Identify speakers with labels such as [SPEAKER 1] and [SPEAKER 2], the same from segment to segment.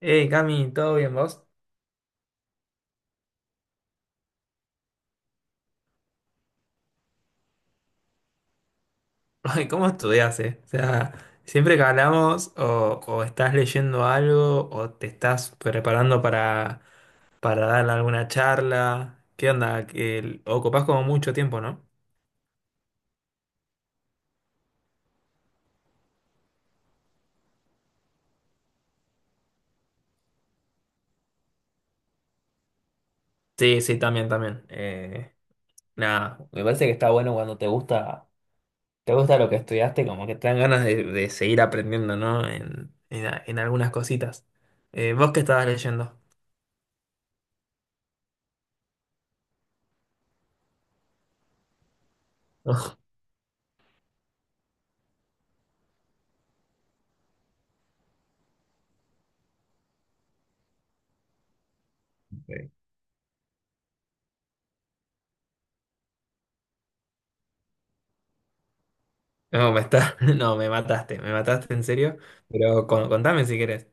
[SPEAKER 1] Hey, Cami, ¿todo bien vos? Ay, ¿cómo estudiás, O sea, siempre que hablamos o estás leyendo algo o te estás preparando para dar alguna charla. ¿Qué onda? Ocupás como mucho tiempo, ¿no? Sí, sí, también, también. Nada, me parece que está bueno cuando te gusta lo que estudiaste, como que te dan ganas de seguir aprendiendo, ¿no? En algunas cositas. ¿Vos qué estabas leyendo? No, me mataste en serio, pero contame si querés.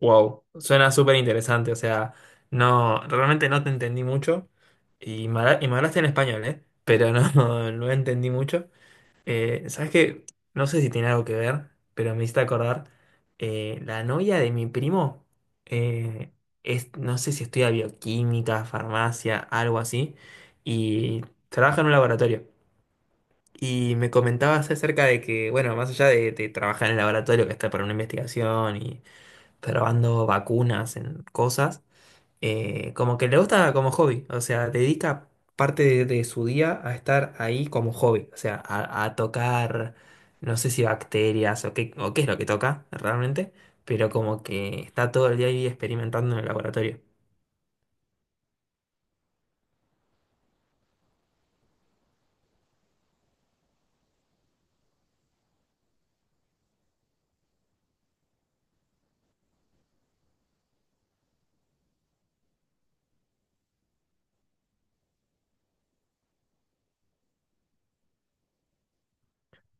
[SPEAKER 1] Wow, suena súper interesante, o sea, no, realmente no te entendí mucho y y me hablaste en español, ¿eh? Pero no, no, entendí mucho. ¿Sabes qué? No sé si tiene algo que ver, pero me hiciste acordar, la novia de mi primo, eh, es, no sé si estudia bioquímica, farmacia, algo así, y trabaja en un laboratorio. Y me comentabas acerca de que, bueno, más allá de trabajar en el laboratorio, que está para una investigación y probando vacunas en cosas, como que le gusta como hobby, o sea, dedica parte de su día a estar ahí como hobby, o sea, a tocar, no sé si bacterias o qué es lo que toca realmente, pero como que está todo el día ahí experimentando en el laboratorio.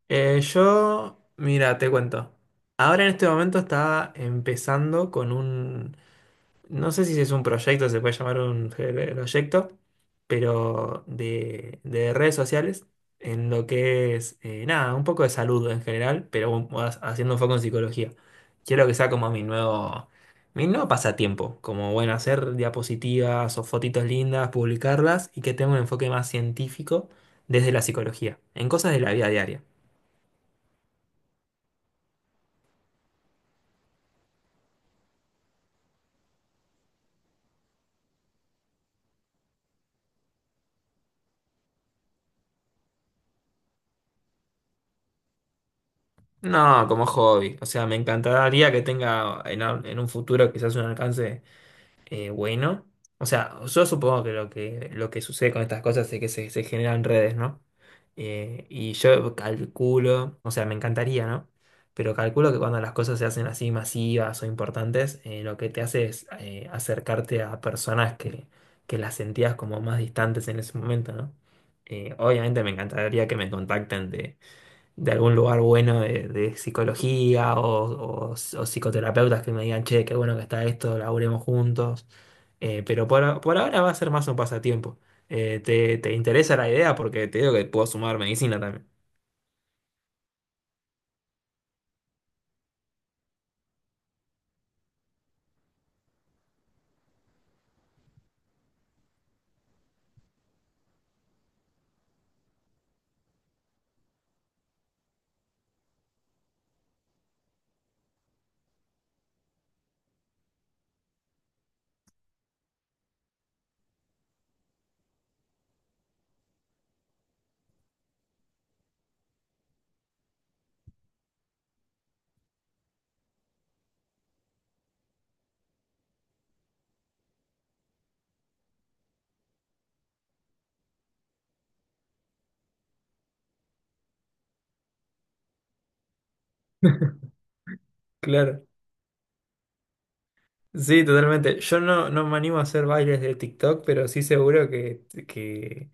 [SPEAKER 1] Yo, mira, te cuento. Ahora en este momento está empezando con un no sé si es un proyecto, se puede llamar un proyecto, pero de redes sociales, en lo que es, nada, un poco de salud en general, pero más haciendo un foco en psicología. Quiero que sea como mi nuevo pasatiempo, como, bueno, hacer diapositivas o fotitos lindas, publicarlas y que tenga un enfoque más científico desde la psicología, en cosas de la vida diaria. No, como hobby. O sea, me encantaría que tenga en un futuro quizás un alcance bueno. O sea, yo supongo que lo que, lo que sucede con estas cosas es que se generan redes, ¿no? Y yo calculo, o sea, me encantaría, ¿no? Pero calculo que cuando las cosas se hacen así masivas o importantes, lo que te hace es acercarte a personas que las sentías como más distantes en ese momento, ¿no? Obviamente me encantaría que me contacten de algún lugar bueno de psicología o o psicoterapeutas que me digan, che, qué bueno que está esto, laburemos juntos. Pero por ahora va a ser más un pasatiempo. Te interesa la idea? Porque te digo que puedo sumar medicina también. Claro. Sí, totalmente. Yo no me animo a hacer bailes de TikTok, pero sí seguro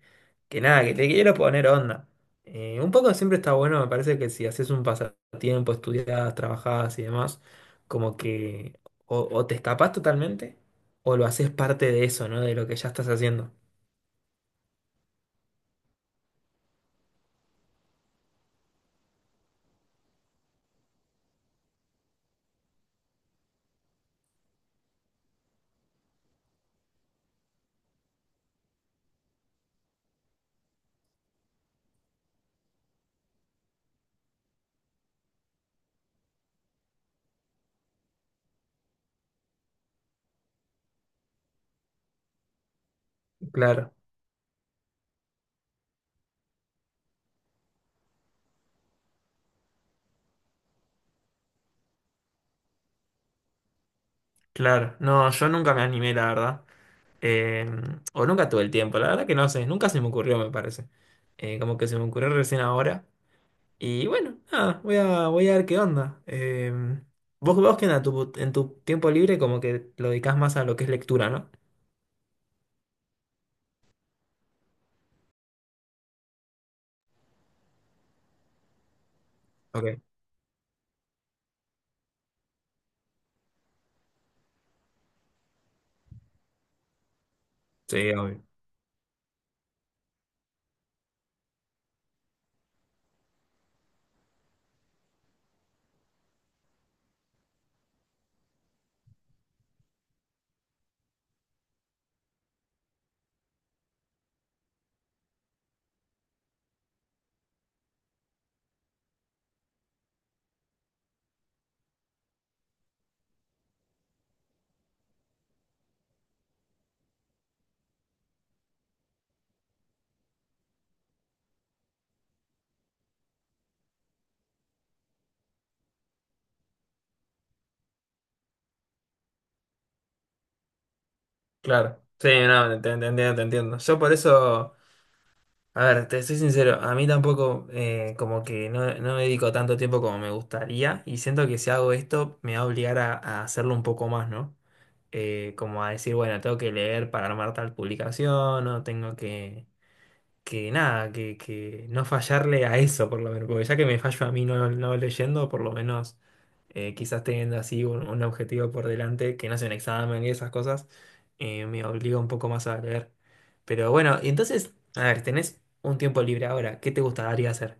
[SPEAKER 1] que nada, que te quiero poner onda. Un poco siempre está bueno, me parece que si haces un pasatiempo, estudiás, trabajás y demás, como que o te escapás totalmente o lo haces parte de eso, ¿no? De lo que ya estás haciendo. Claro, claro. No, yo nunca me animé, la verdad. Eh, o nunca tuve el tiempo, la verdad que no sé, nunca se me ocurrió, me parece. Como que se me ocurrió recién ahora. Y bueno, nada, voy a ver qué onda. Vos, vos que en tu tiempo libre como que lo dedicás más a lo que es lectura, ¿no? Ok. Sí, obvio. Claro. Sí, no, te entiendo, te entiendo. Yo por eso. A ver, te soy sincero, a mí tampoco como que no, no me dedico tanto tiempo como me gustaría y siento que si hago esto me va a obligar a hacerlo un poco más, ¿no? Como a decir, bueno, tengo que leer para armar tal publicación o tengo que nada, que no fallarle a eso por lo menos, porque ya que me fallo a mí no leyendo, por lo menos quizás teniendo así un objetivo por delante, que no sea un examen y esas cosas, me obliga un poco más a leer. Pero bueno, y entonces, a ver, tenés un tiempo libre ahora, ¿qué te gustaría hacer?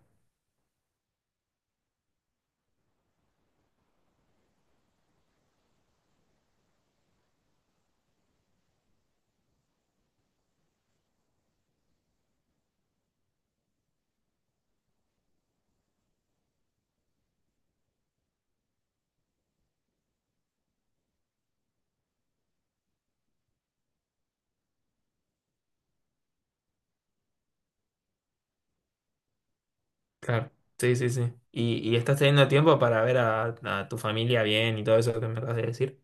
[SPEAKER 1] Claro, sí, sí, sí. Y estás teniendo tiempo para ver a tu familia bien y todo eso que me acabas de decir.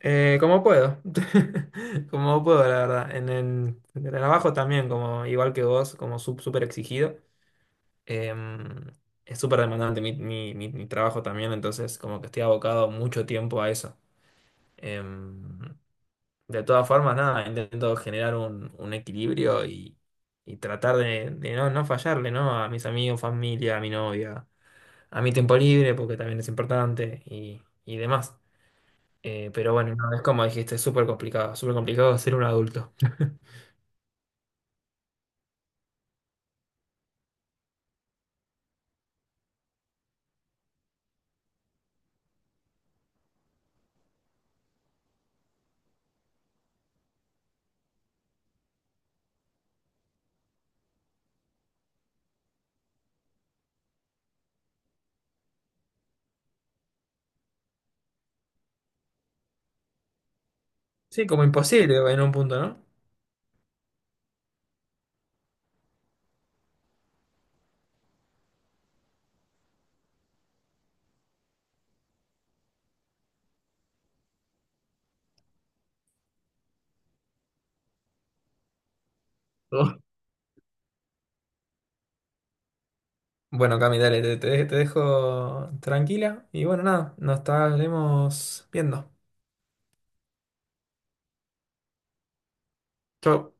[SPEAKER 1] Como puedo, como puedo, la verdad. En el trabajo también, como igual que vos, como súper exigido. Em, es súper demandante mi trabajo también, entonces como que estoy abocado mucho tiempo a eso. Em, de todas formas, nada, intento generar un equilibrio y tratar de no, no fallarle, ¿no? A mis amigos, familia, a mi novia, a mi tiempo libre, porque también es importante y demás. Pero bueno, no, es como dijiste, es súper complicado ser un adulto. Sí, como imposible en un punto, ¿no? Oh. Bueno, Cami, dale, te dejo tranquila y bueno, nada, nos estaremos viendo. Chau.